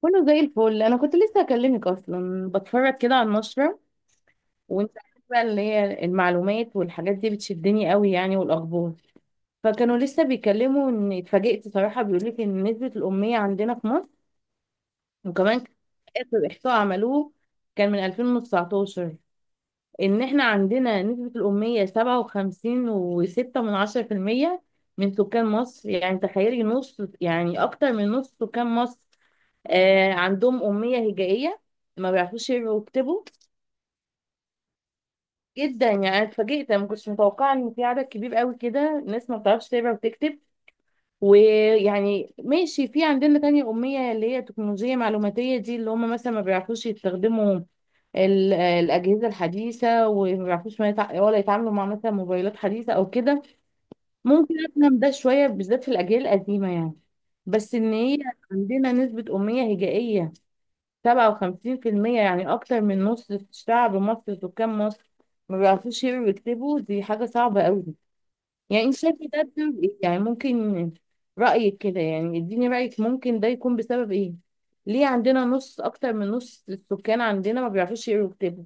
كله زي الفل. انا كنت لسه اكلمك اصلا، بتفرج كده على النشره. وانت عارفة بقى اللي هي المعلومات والحاجات دي بتشدني قوي يعني، والاخبار. فكانوا لسه بيكلموا ان اتفاجئت صراحه، بيقول لك ان نسبه الاميه عندنا في مصر وكمان اخر احصاء عملوه كان من 2019، ان احنا عندنا نسبة الأمية 57.6% من سكان مصر. يعني تخيلي نص، يعني أكتر من نص سكان مصر عندهم أمية هجائية، ما بيعرفوش يقروا ويكتبوا جدا. يعني أنا اتفاجئت، أنا ما كنتش متوقعة إن في عدد كبير قوي كده ناس ما بتعرفش تقرا وتكتب. ويعني ماشي، في عندنا تانية أمية اللي هي تكنولوجية معلوماتية، دي اللي هم مثلا ما بيعرفوش يستخدموا الأجهزة الحديثة، وما بيعرفوش ما يتع... ولا يتعاملوا مع مثلا موبايلات حديثة أو كده. ممكن أفهم ده شوية بالذات في الأجيال القديمة يعني، بس إن هي عندنا نسبة أمية هجائية 57%، يعني أكتر من نص شعب مصر سكان مصر ما بيعرفوش يقروا ويكتبوا، دي حاجة صعبة أوي. يعني انت شايفه ده بسبب ايه يعني؟ ممكن رأيك كده، يعني اديني رأيك، ممكن ده يكون بسبب ايه؟ ليه عندنا نص اكتر من نص السكان عندنا ما بيعرفوش يقروا ويكتبوا؟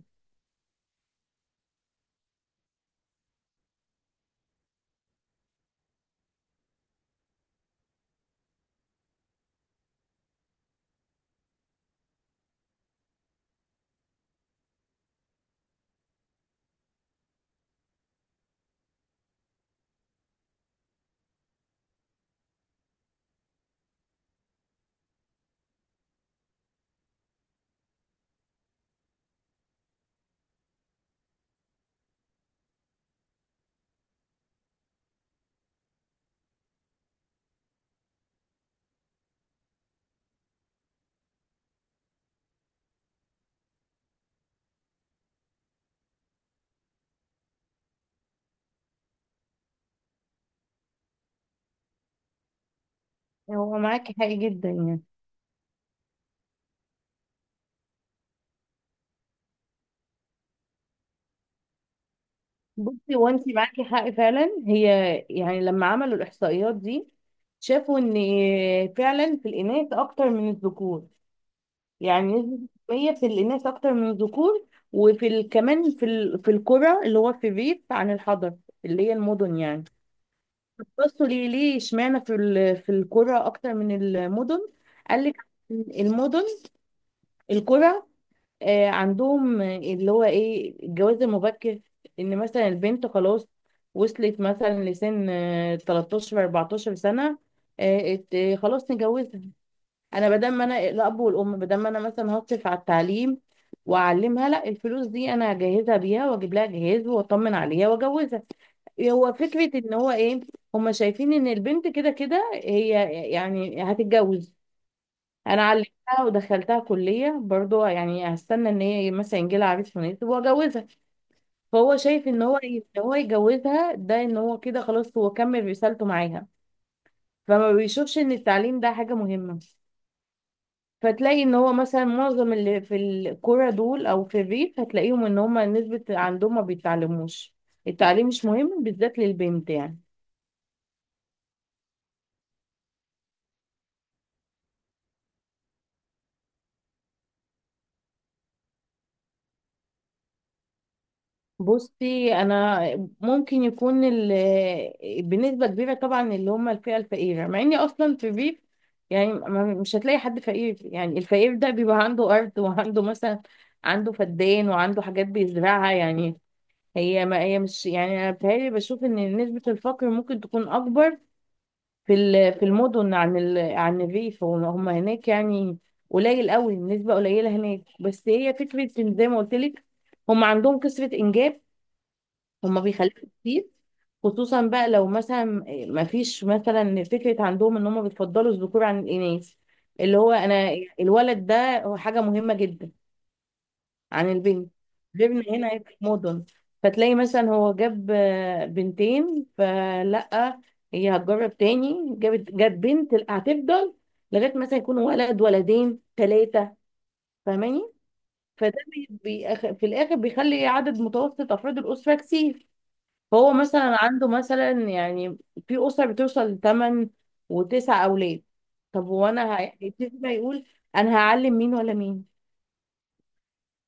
هو معاكي حق جدا يعني. بصي، هو انت معاكي حق فعلا هي. يعني لما عملوا الاحصائيات دي شافوا ان فعلا في الاناث اكتر من الذكور. يعني نسبة التنمية في الاناث اكتر من الذكور. وفي كمان في في القرى اللي هو في الريف عن الحضر اللي هي المدن يعني. بصوا ليه، اشمعنى في في القرى اكتر من المدن؟ قال لك المدن القرى عندهم اللي هو ايه الجواز المبكر. ان مثلا البنت خلاص وصلت مثلا لسن 13 14 سنة. خلاص نجوزها. انا بدل ما انا الاب والام، بدل ما انا مثلا هصرف على التعليم واعلمها، لا، الفلوس دي انا هجهزها بيها واجيب لها جهاز واطمن عليها واجوزها. هو فكرة ان هو ايه، هما شايفين ان البنت كده كده هي يعني هتتجوز. انا علمتها ودخلتها كلية برضو، يعني هستنى ان هي مثلا يجيلها عريس مناسب واجوزها. فهو شايف ان هو ان هو يجوزها، ده ان هو كده خلاص هو كمل رسالته معاها. فما بيشوفش ان التعليم ده حاجة مهمة. فتلاقي ان هو مثلا معظم اللي في الكوره دول او في الريف هتلاقيهم ان هما نسبة عندهم ما بيتعلموش. التعليم مش مهم بالذات للبنت يعني. بصي انا، ممكن يكون بنسبة كبيرة طبعا اللي هما الفئة الفقيرة، مع اني اصلا في الريف يعني مش هتلاقي حد فقير. يعني الفقير ده بيبقى عنده ارض وعنده مثلا عنده فدان وعنده حاجات بيزرعها يعني. هي ما هي مش يعني، انا بتهيألي بشوف ان نسبة الفقر ممكن تكون اكبر في في المدن عن عن الريف. هم هناك يعني قليل قوي، النسبة قليلة هناك. بس هي فكرة إن زي ما قلت لك هم عندهم كثرة إنجاب، هم بيخلفوا كتير. خصوصا بقى لو مثلا ما فيش مثلا فكرة عندهم إن هم بيفضلوا الذكور عن الإناث. اللي هو أنا الولد ده هو حاجة مهمة جدا عن البنت. غيرنا هنا هيبقى في مدن، فتلاقي مثلا هو جاب بنتين، فلا، هي هتجرب تاني، جابت جاب بنت، لا، هتفضل لغايه مثلا يكون ولد ولدين ثلاثه، فاهماني؟ فده بي في الاخر بيخلي عدد متوسط افراد الاسره كتير. فهو مثلا عنده مثلا يعني في اسره بتوصل لثمان وتسع اولاد. طب وانا هيبتدي بقى يقول انا هعلم مين ولا مين.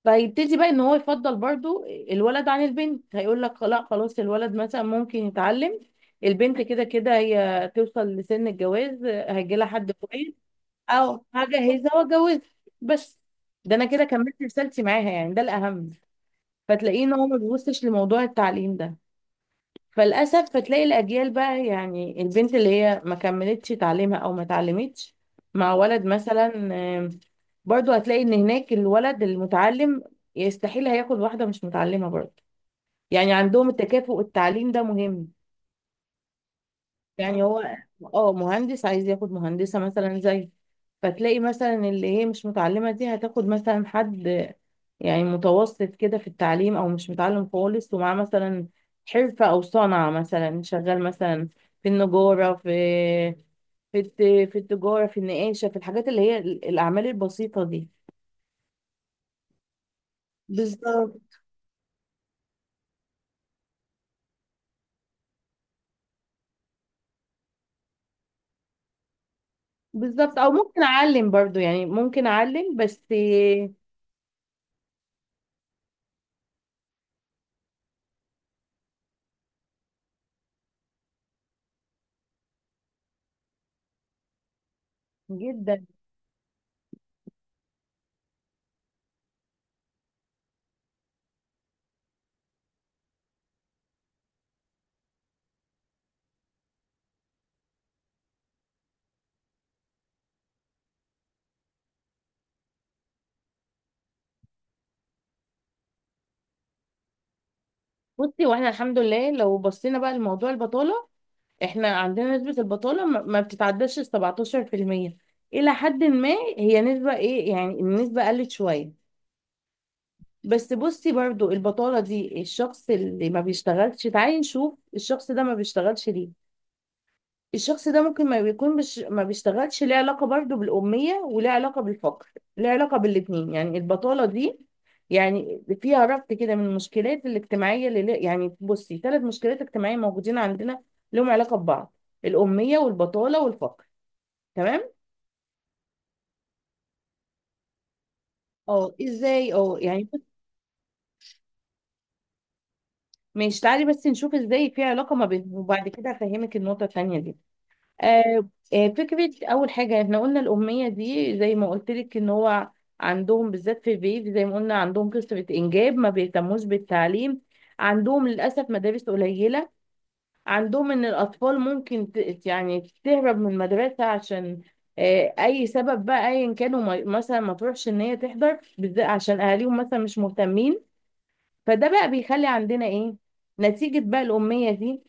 فيبتدي بقى ان هو يفضل برضو الولد عن البنت، هيقول لك لا خلاص الولد مثلا ممكن يتعلم، البنت كده كده هي توصل لسن الجواز، هيجي لها حد كويس او هجهزها واتجوزها بس. ده انا كده كملت رسالتي معاها يعني، ده الاهم. فتلاقيه ان هو ما بيبصش لموضوع التعليم ده. فللاسف فتلاقي الاجيال بقى، يعني البنت اللي هي ما كملتش تعليمها او ما اتعلمتش مع ولد مثلا. آم، برضو هتلاقي ان هناك الولد المتعلم يستحيل هياخد واحده مش متعلمه برضو. يعني عندهم التكافؤ، التعليم ده مهم. يعني هو اه مهندس عايز ياخد مهندسه مثلا زي. فتلاقي مثلا اللي هي مش متعلمه دي هتاخد مثلا حد يعني متوسط كده في التعليم او مش متعلم خالص، ومعاه مثلا حرفة او صنعة، مثلا شغال مثلا في النجارة، في في الت- في التجارة، في النقاشة، في الحاجات اللي هي الأعمال البسيطة دي. بالظبط. بالظبط، أو ممكن أعلم برضو، يعني ممكن أعلم بس. جدا. بصي، واحنا الحمد لله لو بصينا بقى لموضوع البطالة، احنا عندنا نسبة البطالة ما بتتعداش ال 17% إلى حد ما. هي نسبة إيه يعني، النسبة قلت شوية. بس بصي برضو البطالة دي، الشخص اللي ما بيشتغلش، تعالي نشوف الشخص ده ما بيشتغلش ليه. الشخص ده ممكن ما بيكون مش ما بيشتغلش، ليه علاقة برضو بالأمية وليه علاقة بالفقر، ليه علاقة بالاتنين. يعني البطالة دي يعني فيها ربط كده من المشكلات الاجتماعية، اللي يعني بصي 3 مشكلات اجتماعية موجودين عندنا لهم علاقة ببعض: الأمية والبطالة والفقر. تمام. اه ازاي اه يعني. ماشي، تعالي بس نشوف ازاي في علاقة ما بينهم وبعد كده هفهمك النقطة التانية دي. آه، فكرة أول حاجة احنا قلنا الأمية دي زي ما قلت لك إن هو عندهم بالذات في الريف زي ما قلنا عندهم كثرة إنجاب، ما بيهتموش بالتعليم، عندهم للأسف مدارس قليلة، عندهم إن الأطفال ممكن يعني تهرب من المدرسة عشان أي سبب بقى أيا كانوا مثلا ما تروحش، إن هي تحضر بالذات عشان أهاليهم مثلا مش مهتمين. فده بقى بيخلي عندنا إيه نتيجة بقى الأمية دي،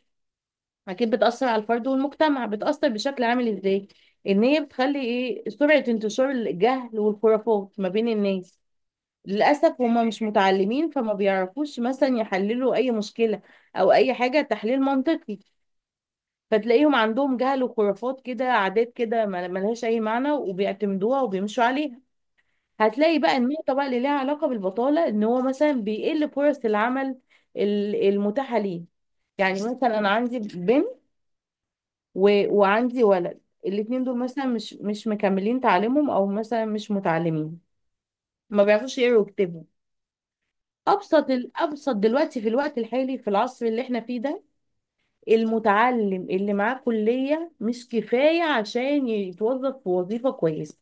اكيد بتأثر على الفرد والمجتمع، بتأثر بشكل عامل ازاي، ان هي بتخلي ايه سرعة انتشار الجهل والخرافات ما بين الناس. للأسف هما مش متعلمين فما بيعرفوش مثلا يحللوا اي مشكلة او اي حاجة تحليل منطقي. فتلاقيهم عندهم جهل وخرافات كده، عادات كده ملهاش اي معنى وبيعتمدوها وبيمشوا عليها. هتلاقي بقى النقطة بقى اللي ليها علاقة بالبطالة، ان هو مثلا بيقل فرص العمل المتاحة ليه. يعني مثلا انا عندي بنت و... وعندي ولد، الاتنين دول مثلا مش مكملين تعليمهم، او مثلا مش متعلمين، ما بيعرفوش يقروا ويكتبوا. ابسط الابسط دلوقتي في الوقت الحالي في العصر اللي احنا فيه ده، المتعلم اللي معاه كلية مش كفاية عشان يتوظف في وظيفة كويسة.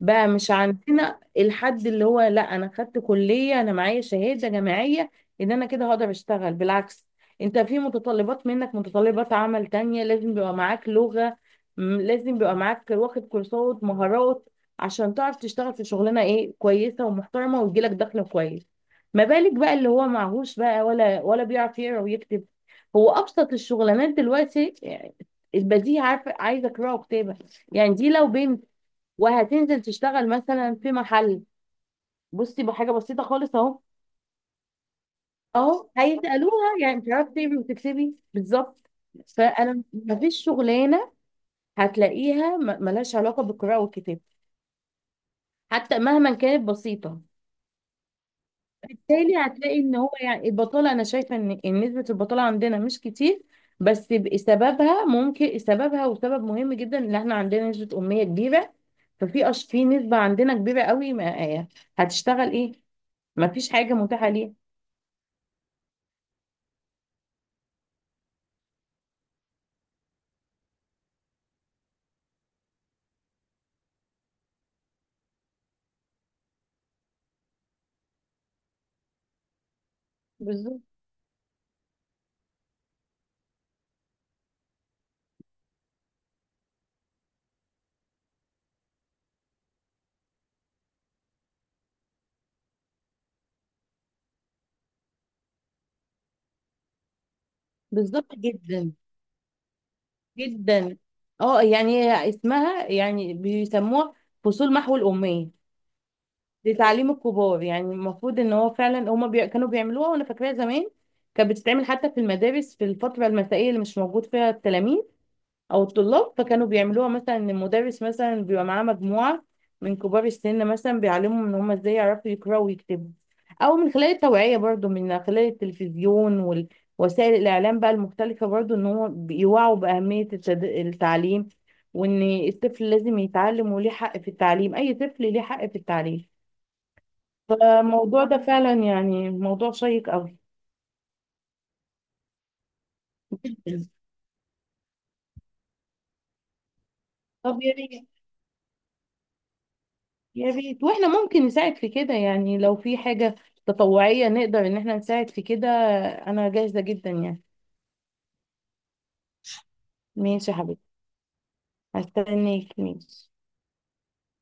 بقى مش عندنا الحد اللي هو لا انا خدت كلية انا معايا شهادة جامعية ان انا كده هقدر اشتغل، بالعكس، انت في متطلبات منك، متطلبات عمل تانية، لازم بيبقى معاك لغة، لازم بيبقى معاك واخد كورسات مهارات عشان تعرف تشتغل في شغلانة ايه كويسة ومحترمة ويجيلك دخل كويس. ما بالك بقى اللي هو معهوش بقى ولا بيعرف يقرا ويكتب. هو ابسط الشغلانات دلوقتي، يعني البديهي، عارفه، عايزه قراءه وكتابه. يعني دي لو بنت وهتنزل تشتغل مثلا في محل، بصي بحاجه بسيطه خالص اهو، اهو هيسالوها يعني بتعرفي تعملي وتكسبي، بالظبط. فانا مفيش شغلانه هتلاقيها ملهاش علاقه بالقراءه والكتابه حتى مهما كانت بسيطه. بالتالي هتلاقي ان هو يعني البطاله، انا شايفه ان إن نسبه البطاله عندنا مش كتير، بس سببها ممكن، سببها وسبب مهم جدا ان احنا عندنا نسبه اميه كبيره. ففي في نسبه عندنا كبيره قوي ما... هتشتغل ايه، مفيش حاجه متاحه ليها. بالظبط. بالظبط جدا. جدا. اه يعني هي اسمها يعني بيسموها فصول محو الأمية لتعليم الكبار. يعني المفروض ان هو فعلا هما كانوا بيعملوها، وانا فاكراها زمان كانت بتتعمل حتى في المدارس في الفترة المسائية اللي مش موجود فيها التلاميذ او الطلاب. فكانوا بيعملوها مثلا ان المدرس مثلا بيبقى معاه مجموعه من كبار السن مثلا بيعلمهم ان هم ازاي يعرفوا يقراوا ويكتبوا، او من خلال التوعيه برضو من خلال التلفزيون ووسائل الاعلام بقى المختلفه، برضو ان هو بيوعوا باهميه التعليم، وان الطفل لازم يتعلم وليه حق في التعليم، اي طفل ليه حق في التعليم. فالموضوع ده فعلا يعني موضوع شيق قوي. طب يا ريت، يا ريت واحنا ممكن نساعد في كده، يعني لو في حاجة تطوعية نقدر ان احنا نساعد في كده، انا جاهزة جدا يعني. ماشي يا حبيبتي، هستناك، ماشي.